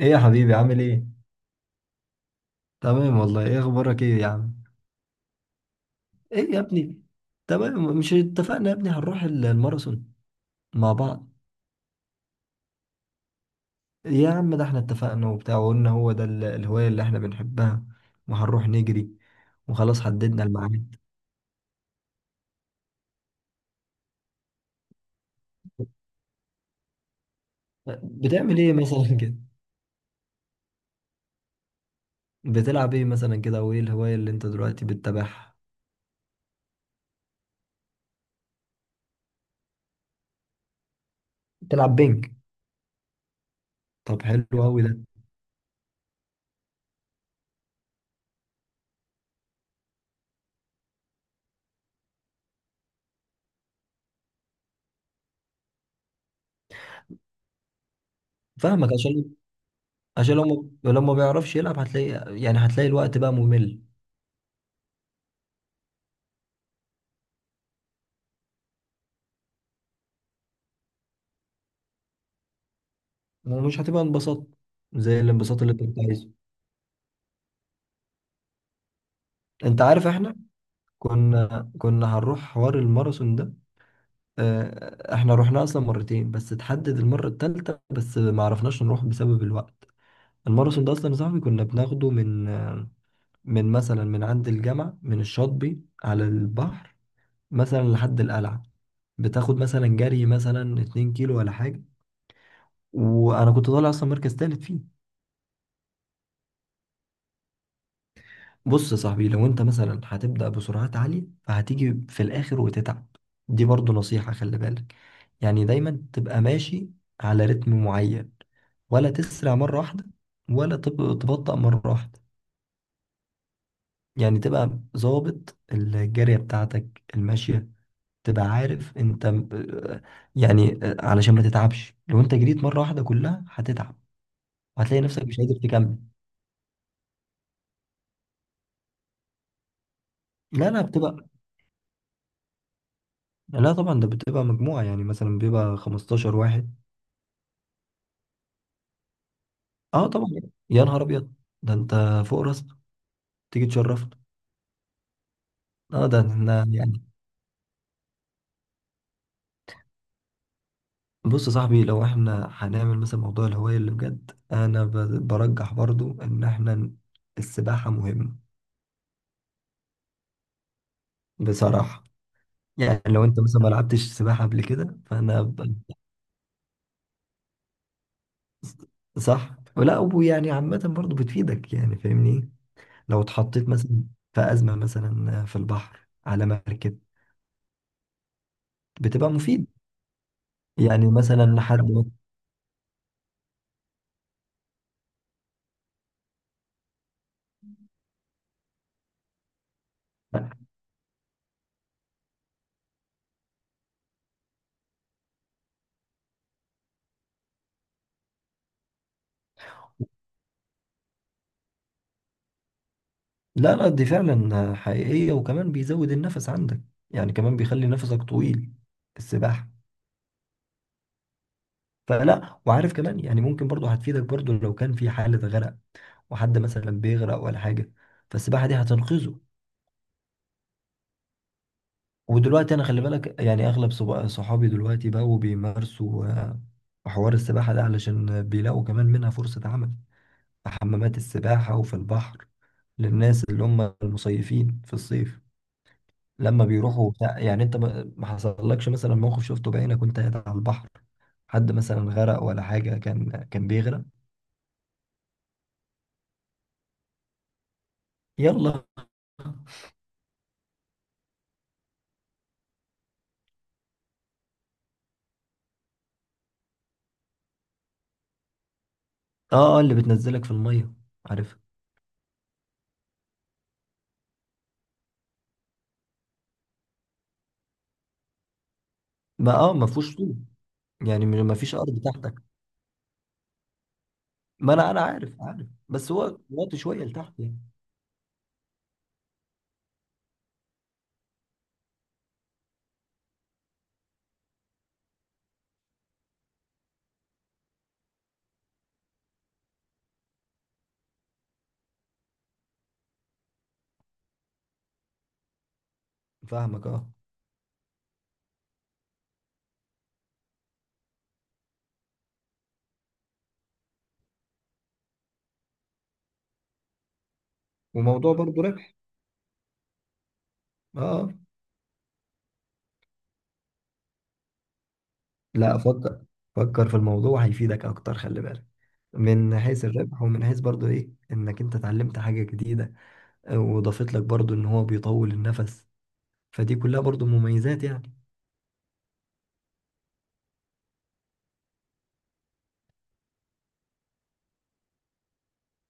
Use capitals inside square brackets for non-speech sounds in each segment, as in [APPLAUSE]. ايه يا حبيبي عامل ايه؟ تمام والله، ايه اخبارك؟ ايه يا عم؟ ايه يا ابني؟ تمام، مش اتفقنا يا ابني هنروح الماراثون مع بعض؟ يا عم ده احنا اتفقنا وبتاع، وقلنا هو ده الهواية اللي احنا بنحبها، وهنروح نجري، وخلاص حددنا الميعاد. بتعمل ايه مثلا كده؟ بتلعب ايه مثلا كده، وايه الهواية اللي انت دلوقتي بتتابعها؟ بتلعب بينج؟ طب حلو قوي ده. فاهمك. عشان لو، ما بيعرفش يلعب هتلاقي الوقت بقى ممل، ومش هتبقى انبساط زي الانبساط اللي انت كنت عايزه. انت عارف احنا كنا هنروح حوار الماراثون ده. اه، احنا رحنا اصلا مرتين، بس اتحدد المرة التالتة بس ما عرفناش نروح بسبب الوقت. الماراثون ده اصلا يا صاحبي كنا بناخده من مثلا عند الجامعة، من الشاطبي على البحر، مثلا لحد القلعة. بتاخد مثلا جري مثلا 2 كيلو ولا حاجة، وانا كنت طالع اصلا مركز تالت فيه. بص يا صاحبي، لو انت مثلا هتبدأ بسرعات عالية فهتيجي في الآخر وتتعب. دي برضو نصيحة، خلي بالك. يعني دايما تبقى ماشي على رتم معين، ولا تسرع مرة واحدة، ولا تبطأ مرة واحدة. يعني تبقى ظابط الجارية بتاعتك الماشية، تبقى عارف انت، يعني، علشان ما تتعبش. لو انت جريت مرة واحدة كلها هتتعب، وهتلاقي نفسك مش قادر تكمل. لا لا، لا طبعا ده بتبقى مجموعة، يعني مثلا بيبقى 15 واحد. اه طبعا، يا نهار ابيض، ده انت فوق راسك تيجي تشرفنا. اه ده احنا يعني. بص يا صاحبي، لو احنا هنعمل مثلا موضوع الهواية اللي بجد، انا برجح برضو ان السباحة مهمة. بصراحة يعني، لو انت مثلا ما لعبتش سباحة قبل كده فانا صح؟ ولا ويعني عامة برضو بتفيدك، يعني فاهمني. لو اتحطيت مثلا في أزمة مثلا في البحر على مركب، بتبقى مفيد. يعني مثلا حد، لا لا دي فعلا حقيقية، وكمان بيزود النفس عندك، يعني كمان بيخلي نفسك طويل السباحة. فلا، وعارف كمان، يعني ممكن برضو هتفيدك برضو لو كان في حالة غرق، وحد مثلا بيغرق ولا حاجة، فالسباحة دي هتنقذه. ودلوقتي أنا خلي بالك، يعني أغلب صحابي دلوقتي بقوا بيمارسوا حوار السباحة ده علشان بيلاقوا كمان منها فرصة عمل، في حمامات السباحة وفي البحر، للناس اللي هم المصيفين في الصيف، لما بيروحوا بتاع. يعني انت ما حصلكش مثلا موقف شفته بعينك وانت قاعد على البحر، حد مثلا غرق ولا حاجة، كان بيغرق؟ يلا. اه، اللي بتنزلك في المية، عارف. ما فيهوش طوب، يعني ما فيش ارض تحتك. ما انا عارف، بس هو وقت شوية لتحت يعني. فاهمك، اه. وموضوع برضه ربح. اه. آه. لا فكر، فكر في الموضوع هيفيدك اكتر، خلي بالك، من حيث الربح ومن حيث برضو ايه، انك انت اتعلمت حاجة جديدة، وضافت لك برضو ان هو بيطول النفس، فدي كلها برضو مميزات يعني.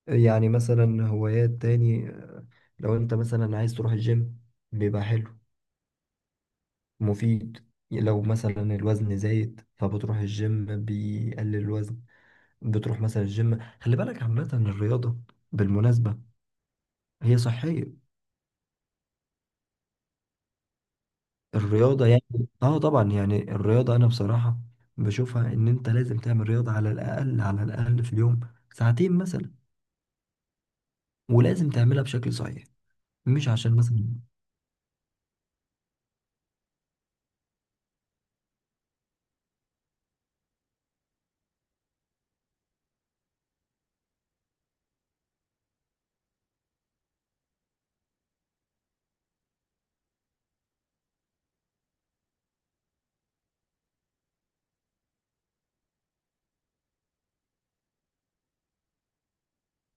يعني مثلا هوايات تاني، لو انت مثلا عايز تروح الجيم بيبقى حلو، مفيد. لو مثلا الوزن زايد فبتروح الجيم بيقلل الوزن. بتروح مثلا الجيم، خلي بالك عامة الرياضة بالمناسبة هي صحية، الرياضة يعني. اه طبعا، يعني الرياضة انا بصراحة بشوفها ان انت لازم تعمل رياضة على الاقل، على الاقل في اليوم ساعتين مثلا. ولازم تعملها بشكل صحيح، مش عشان مثلا.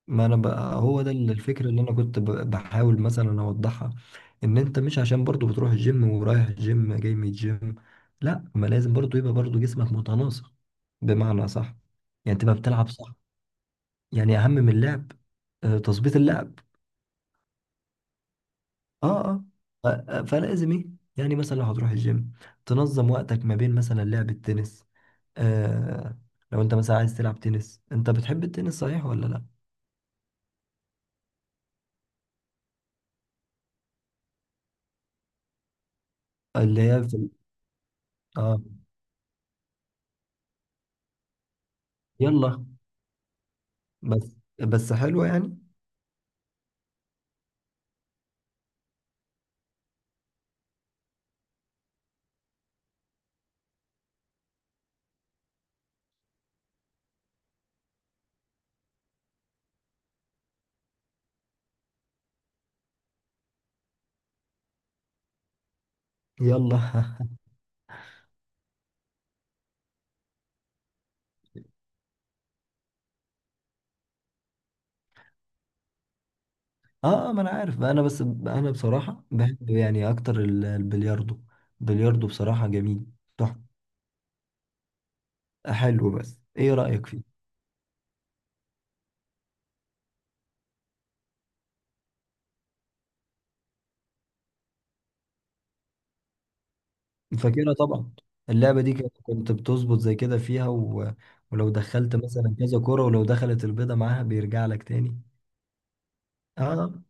ما انا بقى هو ده الفكره اللي انا كنت بحاول مثلا اوضحها، ان انت مش عشان برضو بتروح الجيم، ورايح الجيم، جاي من الجيم، لا. ما لازم برضو يبقى برضو جسمك متناسق بمعنى صح، يعني تبقى بتلعب صح، يعني اهم من اللعب تظبيط اللعب. اه اه، فلازم ايه، يعني مثلا لو هتروح الجيم تنظم وقتك ما بين مثلا لعب التنس. آه لو انت مثلا عايز تلعب تنس، انت بتحب التنس صحيح ولا لا؟ اللي هي في اه يلا، بس حلوة يعني. يلا [LAUGHS] اه، ما انا عارف، انا بس انا بصراحة بحب يعني اكتر البلياردو. البلياردو بصراحة جميل، تحفة. حلو، بس ايه رأيك فيه؟ فاكرها طبعا. اللعبة دي كنت بتظبط زي كده فيها، و... ولو دخلت مثلا كذا كرة، ولو دخلت البيضة معاها بيرجع لك تاني. اه،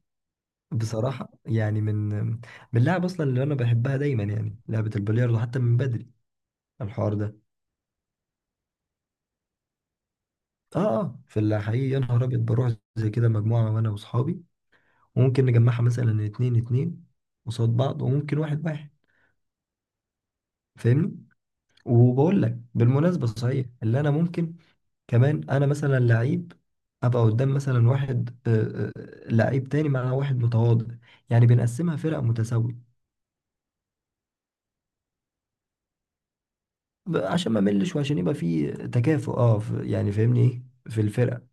بصراحة يعني من اللعب اصلا اللي انا بحبها دايما يعني لعبة البلياردو، حتى من بدري الحوار ده. اه اه، في الحقيقة يا نهار ابيض بروح زي كده مجموعة، وانا واصحابي، وممكن نجمعها مثلا اتنين اتنين قصاد بعض، وممكن واحد واحد، فاهمني. وبقول لك بالمناسبة صحيح، اللي انا ممكن كمان انا مثلا لعيب ابقى قدام مثلا واحد لعيب تاني، مع واحد متواضع، يعني بنقسمها فرق متساوية، عشان ما ملش، وعشان يبقى في تكافؤ. اه، يعني فاهمني ايه في الفرق،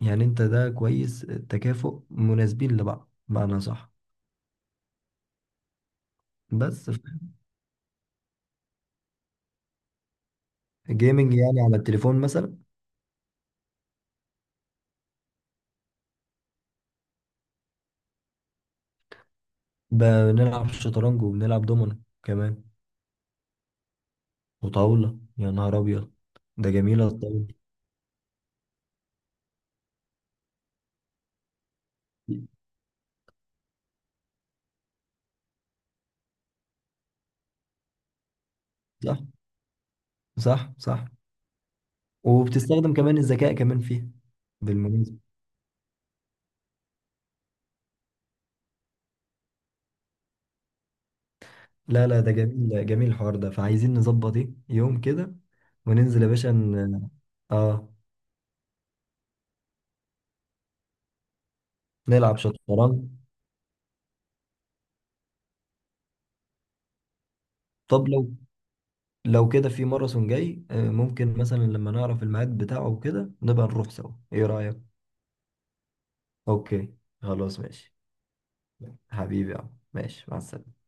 يعني انت ده كويس التكافؤ، مناسبين لبعض بمعنى صح. بس جيمنج يعني على التليفون مثلا؟ بنلعب شطرنج، وبنلعب دومينو كمان، وطاولة. يا نهار أبيض، ده جميلة الطاولة دي. صح، صح، صح. وبتستخدم كمان الذكاء كمان فيها بالمناسبة. لا لا، ده جميل، جميل الحوار ده، فعايزين نظبط ايه يوم كده وننزل يا باشا. اه، نلعب شطرنج. طب لو كده في ماراثون جاي ممكن مثلا لما نعرف الميعاد بتاعه وكده نبقى نروح سوا، ايه رأيك؟ اوكي، خلاص ماشي. حبيبي يا عم، ماشي، مع السلامة.